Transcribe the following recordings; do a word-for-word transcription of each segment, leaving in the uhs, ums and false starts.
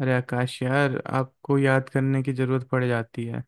अरे आकाश यार, आपको याद करने की जरूरत पड़ जाती है।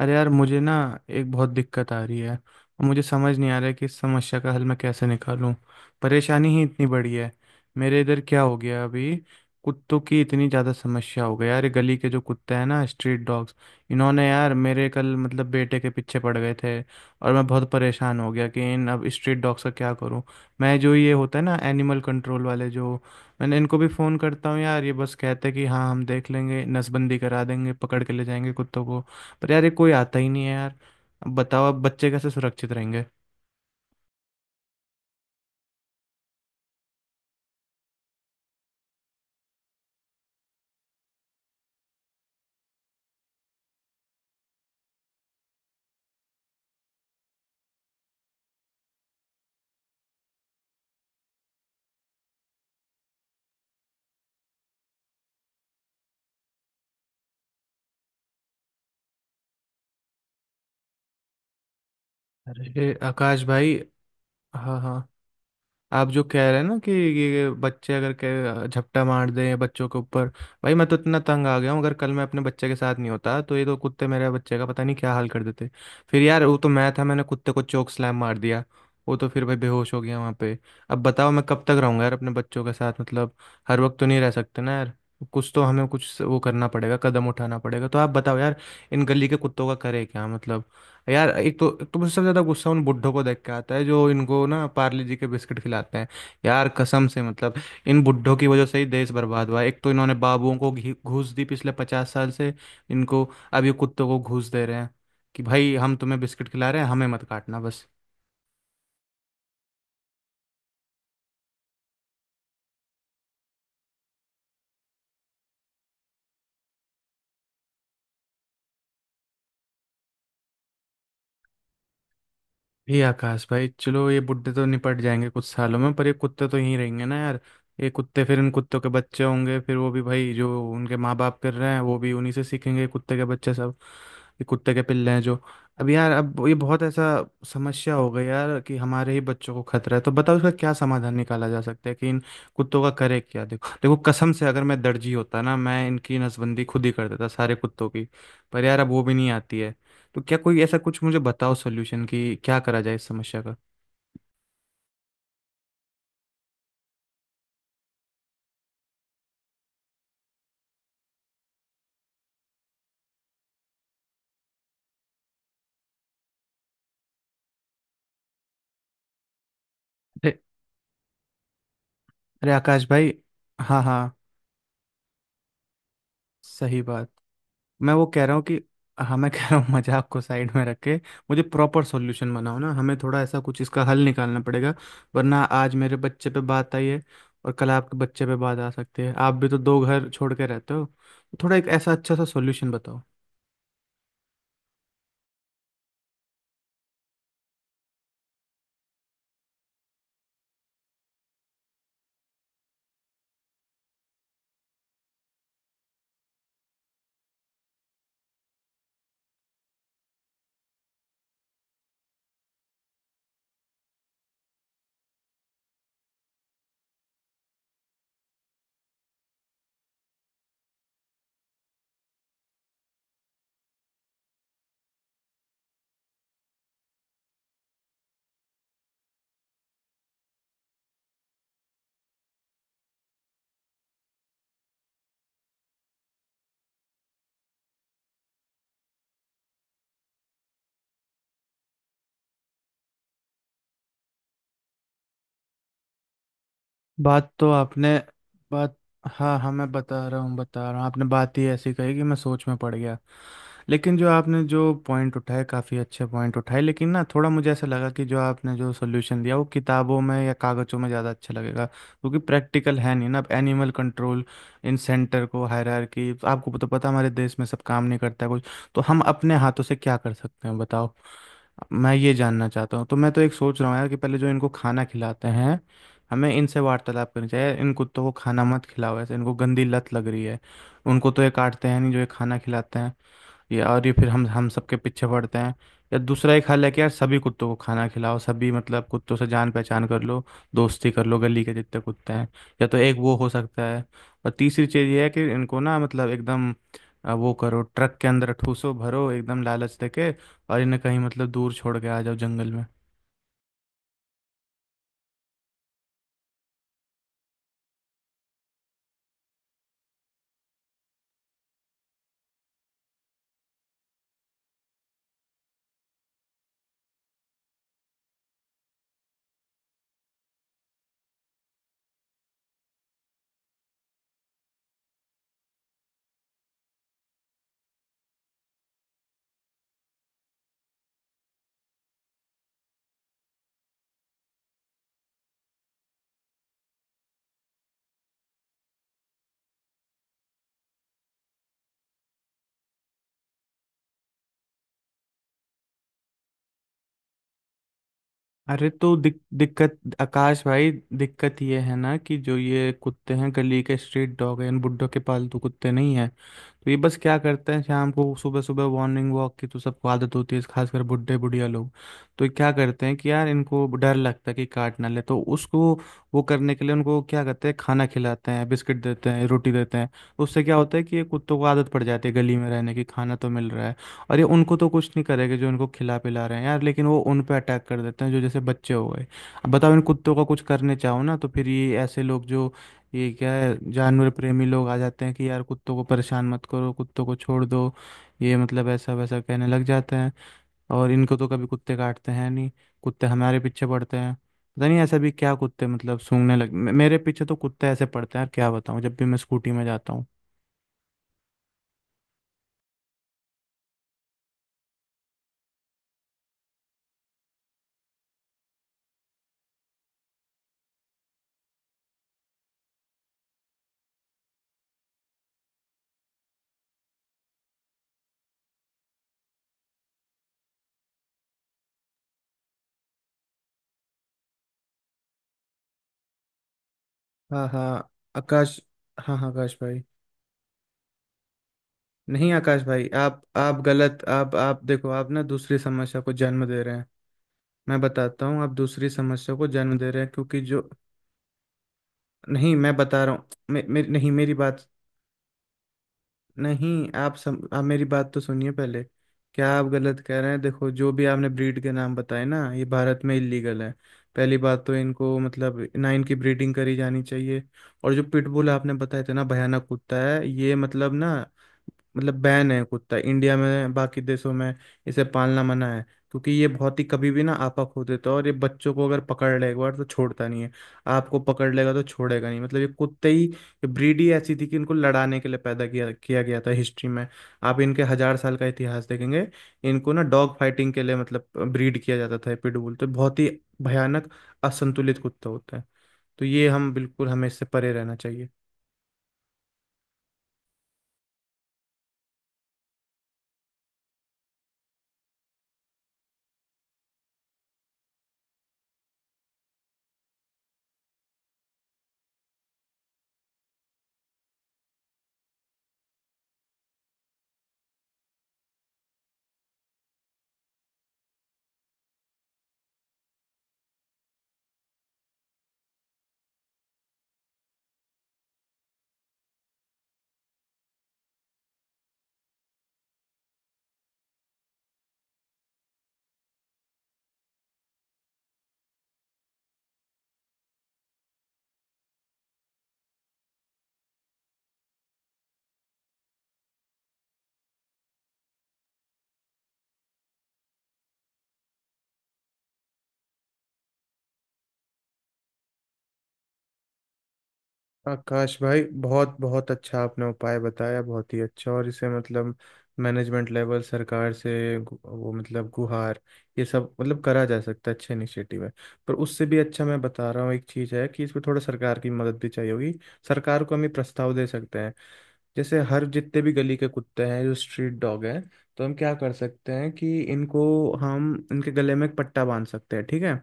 अरे यार, मुझे ना एक बहुत दिक्कत आ रही है और मुझे समझ नहीं आ रहा है कि इस समस्या का हल मैं कैसे निकालूं। परेशानी ही इतनी बड़ी है। मेरे इधर क्या हो गया अभी। कुत्तों की इतनी ज़्यादा समस्या हो गई यार, ये गली के जो कुत्ते हैं ना, स्ट्रीट डॉग्स, इन्होंने यार मेरे कल मतलब बेटे के पीछे पड़ गए थे। और मैं बहुत परेशान हो गया कि इन अब स्ट्रीट डॉग्स का क्या करूं। मैं जो ये होता है ना, एनिमल कंट्रोल वाले जो, मैंने इनको भी फ़ोन करता हूँ यार, ये बस कहते हैं कि हाँ हम देख लेंगे, नसबंदी करा देंगे, पकड़ के ले जाएंगे कुत्तों को। पर यार ये कोई आता ही नहीं है यार। अब बताओ, अब बच्चे कैसे सुरक्षित रहेंगे। अरे आकाश भाई। हाँ हाँ। आप जो कह रहे हैं ना कि ये बच्चे अगर के झपटा मार दें बच्चों के ऊपर, भाई मैं तो इतना तंग आ गया हूँ। अगर कल मैं अपने बच्चे के साथ नहीं होता तो ये तो कुत्ते मेरे बच्चे का पता नहीं क्या हाल कर देते। फिर यार वो तो मैं था, मैंने कुत्ते को चोक स्लैम मार दिया। वो तो फिर भाई बेहोश हो गया वहाँ पे। अब बताओ, मैं कब तक रहूँगा यार अपने बच्चों के साथ मतलब हर वक्त तो नहीं रह सकते ना यार। कुछ तो हमें कुछ वो करना पड़ेगा, कदम उठाना पड़ेगा। तो आप बताओ यार, इन गली के कुत्तों का करे क्या मतलब यार एक तो एक तो मुझे सबसे ज्यादा गुस्सा उन बुड्ढों को देख के आता है जो इनको ना पार्ले जी के बिस्किट खिलाते हैं। यार कसम से मतलब इन बुड्ढों की वजह से ही देश बर्बाद हुआ है। एक तो इन्होंने बाबुओं को घी- घूस दी पिछले पचास साल से, इनको। अब ये कुत्तों को घूस दे रहे हैं कि भाई हम तुम्हें बिस्किट खिला रहे हैं, हमें मत काटना बस। ये आकाश भाई, चलो ये बुड्ढे तो निपट जाएंगे कुछ सालों में, पर ये कुत्ते तो यहीं रहेंगे ना यार। ये कुत्ते, फिर इन कुत्तों के बच्चे होंगे, फिर वो भी भाई जो उनके माँ बाप कर रहे हैं वो भी उन्हीं से सीखेंगे, कुत्ते के बच्चे सब। ये कुत्ते के पिल्ले हैं जो। अब यार अब ये बहुत ऐसा समस्या हो गई यार कि हमारे ही बच्चों को खतरा है। तो बताओ इसका क्या समाधान निकाला जा सकता है कि इन कुत्तों का करे क्या। देखो देखो कसम से अगर मैं दर्जी होता ना मैं इनकी नसबंदी खुद ही कर देता सारे कुत्तों की। पर यार अब वो भी नहीं आती है। तो क्या कोई ऐसा कुछ मुझे बताओ सोल्यूशन कि क्या करा जाए इस समस्या का। अरे अरे आकाश भाई। हाँ हाँ, सही बात। मैं वो कह रहा हूँ कि, हाँ मैं कह रहा हूँ, मजाक को साइड में रख के मुझे प्रॉपर सॉल्यूशन बनाओ ना। हमें थोड़ा ऐसा कुछ इसका हल निकालना पड़ेगा, वरना आज मेरे बच्चे पे बात आई है और कल आपके बच्चे पे बात आ सकती है। आप भी तो दो घर छोड़ के रहते हो। तो थोड़ा एक ऐसा अच्छा सा सॉल्यूशन बताओ। बात तो आपने बात हाँ हाँ, मैं बता रहा हूँ, बता रहा हूँ आपने बात ही ऐसी कही कि मैं सोच में पड़ गया। लेकिन जो आपने जो पॉइंट उठाए, काफ़ी अच्छे पॉइंट उठाए, लेकिन ना थोड़ा मुझे ऐसा लगा कि जो आपने जो सोल्यूशन दिया वो किताबों में या कागज़ों में ज़्यादा अच्छा लगेगा, क्योंकि प्रैक्टिकल है नहीं ना। अब एनिमल कंट्रोल, इन सेंटर को, हायरार्की, आपको तो पता हमारे देश में सब काम नहीं करता है कुछ। तो हम अपने हाथों से क्या कर सकते हैं बताओ, मैं ये जानना चाहता हूँ। तो मैं तो एक सोच रहा हूँ यार कि पहले जो इनको खाना खिलाते हैं, हमें इनसे वार्तालाप करनी चाहिए। इन कुत्तों को खाना मत खिलाओ ऐसे, इनको गंदी लत लग रही है। उनको तो ये काटते हैं नहीं जो ये खाना खिलाते हैं ये, और ये फिर हम हम सबके पीछे पड़ते हैं। या दूसरा एक हल है कि यार सभी कुत्तों को खाना खिलाओ, सभी मतलब कुत्तों से जान पहचान कर लो, दोस्ती कर लो गली के जितने कुत्ते हैं। या तो एक वो हो सकता है। और तीसरी चीज़ ये है कि इनको ना मतलब एकदम अ, वो करो, ट्रक के अंदर ठूसो भरो एकदम लालच देके, और इन्हें कहीं मतलब दूर छोड़ के आ जाओ जंगल में। अरे तो दिक, दिक्कत आकाश भाई, दिक्कत ये है ना कि जो ये कुत्ते हैं गली के, स्ट्रीट डॉग हैं, इन बुड्ढों के पालतू कुत्ते नहीं है। तो ये बस क्या करते हैं, शाम को सुबह सुबह मॉर्निंग वॉक की तो सबको आदत होती है, खासकर बुढ़े बुढ़िया लोग। तो ये क्या करते हैं कि यार इनको डर लगता है कि काट ना ले। तो उसको वो करने के लिए उनको क्या करते हैं, खाना खिलाते हैं, बिस्किट देते हैं, रोटी देते हैं। तो उससे क्या होता है कि ये कुत्तों को आदत पड़ जाती है गली में रहने की, खाना तो मिल रहा है। और ये उनको तो कुछ नहीं करेगा जो इनको खिला पिला रहे हैं यार, लेकिन वो उन पे अटैक कर देते हैं जो जैसे बच्चे हो गए। अब बताओ इन कुत्तों का कुछ करने चाहो ना, तो फिर ये ऐसे लोग जो, ये क्या है जानवर प्रेमी लोग आ जाते हैं कि यार कुत्तों को परेशान मत करो, कुत्तों को छोड़ दो। ये मतलब ऐसा वैसा कहने लग जाते हैं। और इनको तो कभी कुत्ते काटते हैं नहीं, कुत्ते हमारे पीछे पड़ते हैं। पता नहीं ऐसा भी क्या, कुत्ते मतलब सूंघने लग मे- मेरे पीछे तो कुत्ते ऐसे पड़ते हैं यार, क्या बताऊँ, जब भी मैं स्कूटी में जाता हूँ। हाँ हाँ आकाश। हाँ हाँ आकाश भाई। नहीं आकाश भाई, आप आप गलत, आप आप देखो, आप ना दूसरी समस्या को जन्म दे रहे हैं। मैं बताता हूँ, आप दूसरी समस्या को जन्म दे रहे हैं क्योंकि जो, नहीं मैं बता रहा हूँ मे, मे, नहीं मेरी बात, नहीं आप सम, आप मेरी बात तो सुनिए पहले। क्या आप गलत कह रहे हैं। देखो जो भी आपने ब्रीड के नाम बताए ना, ये भारत में इलीगल है। पहली बात तो इनको मतलब ना इनकी ब्रीडिंग करी जानी चाहिए। और जो पिटबुल आपने बताए थे ना, भयानक कुत्ता है ये मतलब ना, मतलब बैन है कुत्ता इंडिया में, बाकी देशों में इसे पालना मना है। क्योंकि ये बहुत ही कभी भी ना आपा खो देता है, और ये बच्चों को अगर पकड़ लेगा एक बार तो छोड़ता नहीं है। आपको पकड़ लेगा तो छोड़ेगा नहीं। मतलब ये कुत्ते ही, ये ब्रीड ही ऐसी थी कि इनको लड़ाने के लिए पैदा किया किया गया था हिस्ट्री में। आप इनके हज़ार साल का इतिहास देखेंगे, इनको ना डॉग फाइटिंग के लिए मतलब ब्रीड किया जाता था। पिटबुल तो बहुत ही भयानक, असंतुलित कुत्ता होता है। तो ये हम बिल्कुल, हमें इससे परे रहना चाहिए। आकाश भाई बहुत बहुत अच्छा आपने उपाय बताया, बहुत ही अच्छा। और इसे मतलब मैनेजमेंट लेवल, सरकार से गु- वो मतलब गुहार, ये सब मतलब करा जा सकता है, अच्छे इनिशिएटिव है। पर उससे भी अच्छा मैं बता रहा हूँ, एक चीज़ है कि इसमें थोड़ा सरकार की मदद भी चाहिए होगी। सरकार को हम ये प्रस्ताव दे सकते हैं, जैसे हर जितने भी गली के कुत्ते हैं जो स्ट्रीट डॉग हैं, तो हम क्या कर सकते हैं कि इनको, हम इनके गले में एक पट्टा बांध सकते हैं, ठीक है।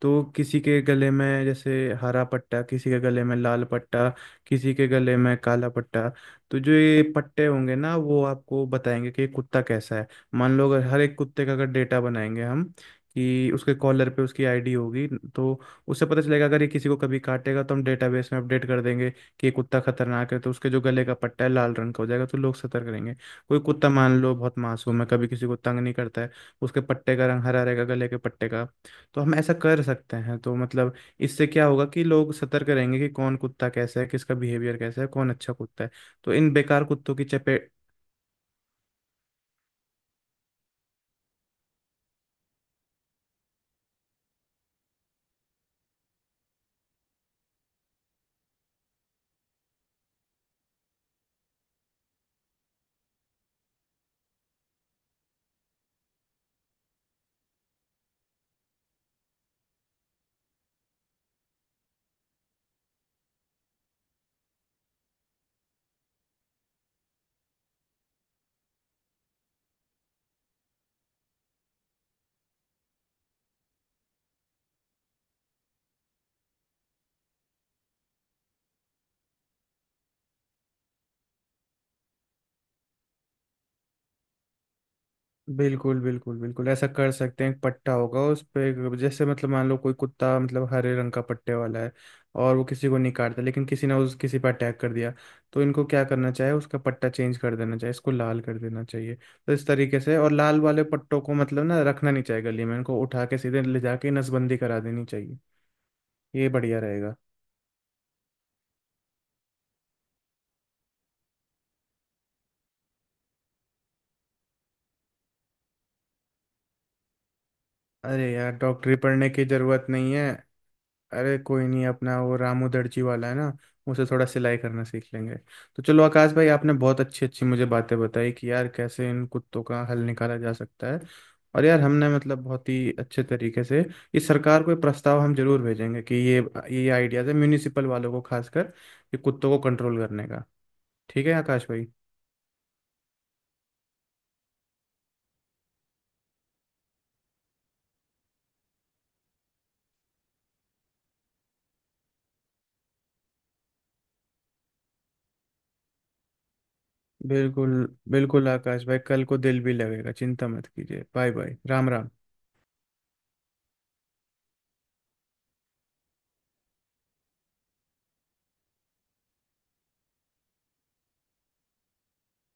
तो किसी के गले में जैसे हरा पट्टा, किसी के गले में लाल पट्टा, किसी के गले में काला पट्टा। तो जो ये पट्टे होंगे ना, वो आपको बताएंगे कि ये कुत्ता कैसा है। मान लो अगर हर एक कुत्ते का अगर डेटा बनाएंगे हम, कि उसके कॉलर पे उसकी आईडी होगी, तो उससे पता चलेगा। अगर ये किसी को कभी काटेगा तो हम डेटाबेस में अपडेट कर देंगे कि ये कुत्ता खतरनाक है, तो उसके जो गले का पट्टा है लाल रंग का हो जाएगा, तो लोग सतर्क रहेंगे। कोई कुत्ता मान लो बहुत मासूम है, कभी किसी को तंग नहीं करता है, उसके पट्टे का रंग हरा रहेगा, गले के पट्टे का। तो हम ऐसा कर सकते हैं। तो मतलब इससे क्या होगा कि लोग सतर्क रहेंगे कि कौन कुत्ता कैसा है, किसका बिहेवियर कैसा है, कौन अच्छा कुत्ता है। तो इन बेकार कुत्तों की चपेट। बिल्कुल बिल्कुल बिल्कुल, ऐसा कर सकते हैं। एक पट्टा होगा उस पे, जैसे मतलब मान लो कोई कुत्ता मतलब हरे रंग का पट्टे वाला है और वो किसी को नहीं काटता, लेकिन किसी ने उस, किसी पर अटैक कर दिया, तो इनको क्या करना चाहिए, उसका पट्टा चेंज कर देना चाहिए, इसको लाल कर देना चाहिए। तो इस तरीके से, और लाल वाले पट्टों को मतलब ना रखना नहीं चाहिए गली में, इनको उठा के सीधे ले जाके नसबंदी करा देनी चाहिए। ये बढ़िया रहेगा। अरे यार डॉक्टरी पढ़ने की जरूरत नहीं है। अरे कोई नहीं, अपना वो रामू दर्जी वाला है ना, उसे थोड़ा सिलाई करना सीख लेंगे। तो चलो आकाश भाई, आपने बहुत अच्छी अच्छी मुझे बातें बताई कि यार कैसे इन कुत्तों का हल निकाला जा सकता है। और यार हमने मतलब बहुत ही अच्छे तरीके से, इस सरकार को ये प्रस्ताव हम जरूर भेजेंगे कि ये ये आइडियाज है म्यूनिसिपल वालों को खासकर, ये कुत्तों को कंट्रोल करने का। ठीक है आकाश भाई। बिल्कुल, बिल्कुल आकाश भाई, कल को दिल भी लगेगा, चिंता मत कीजिए। Bye bye, Ram Ram.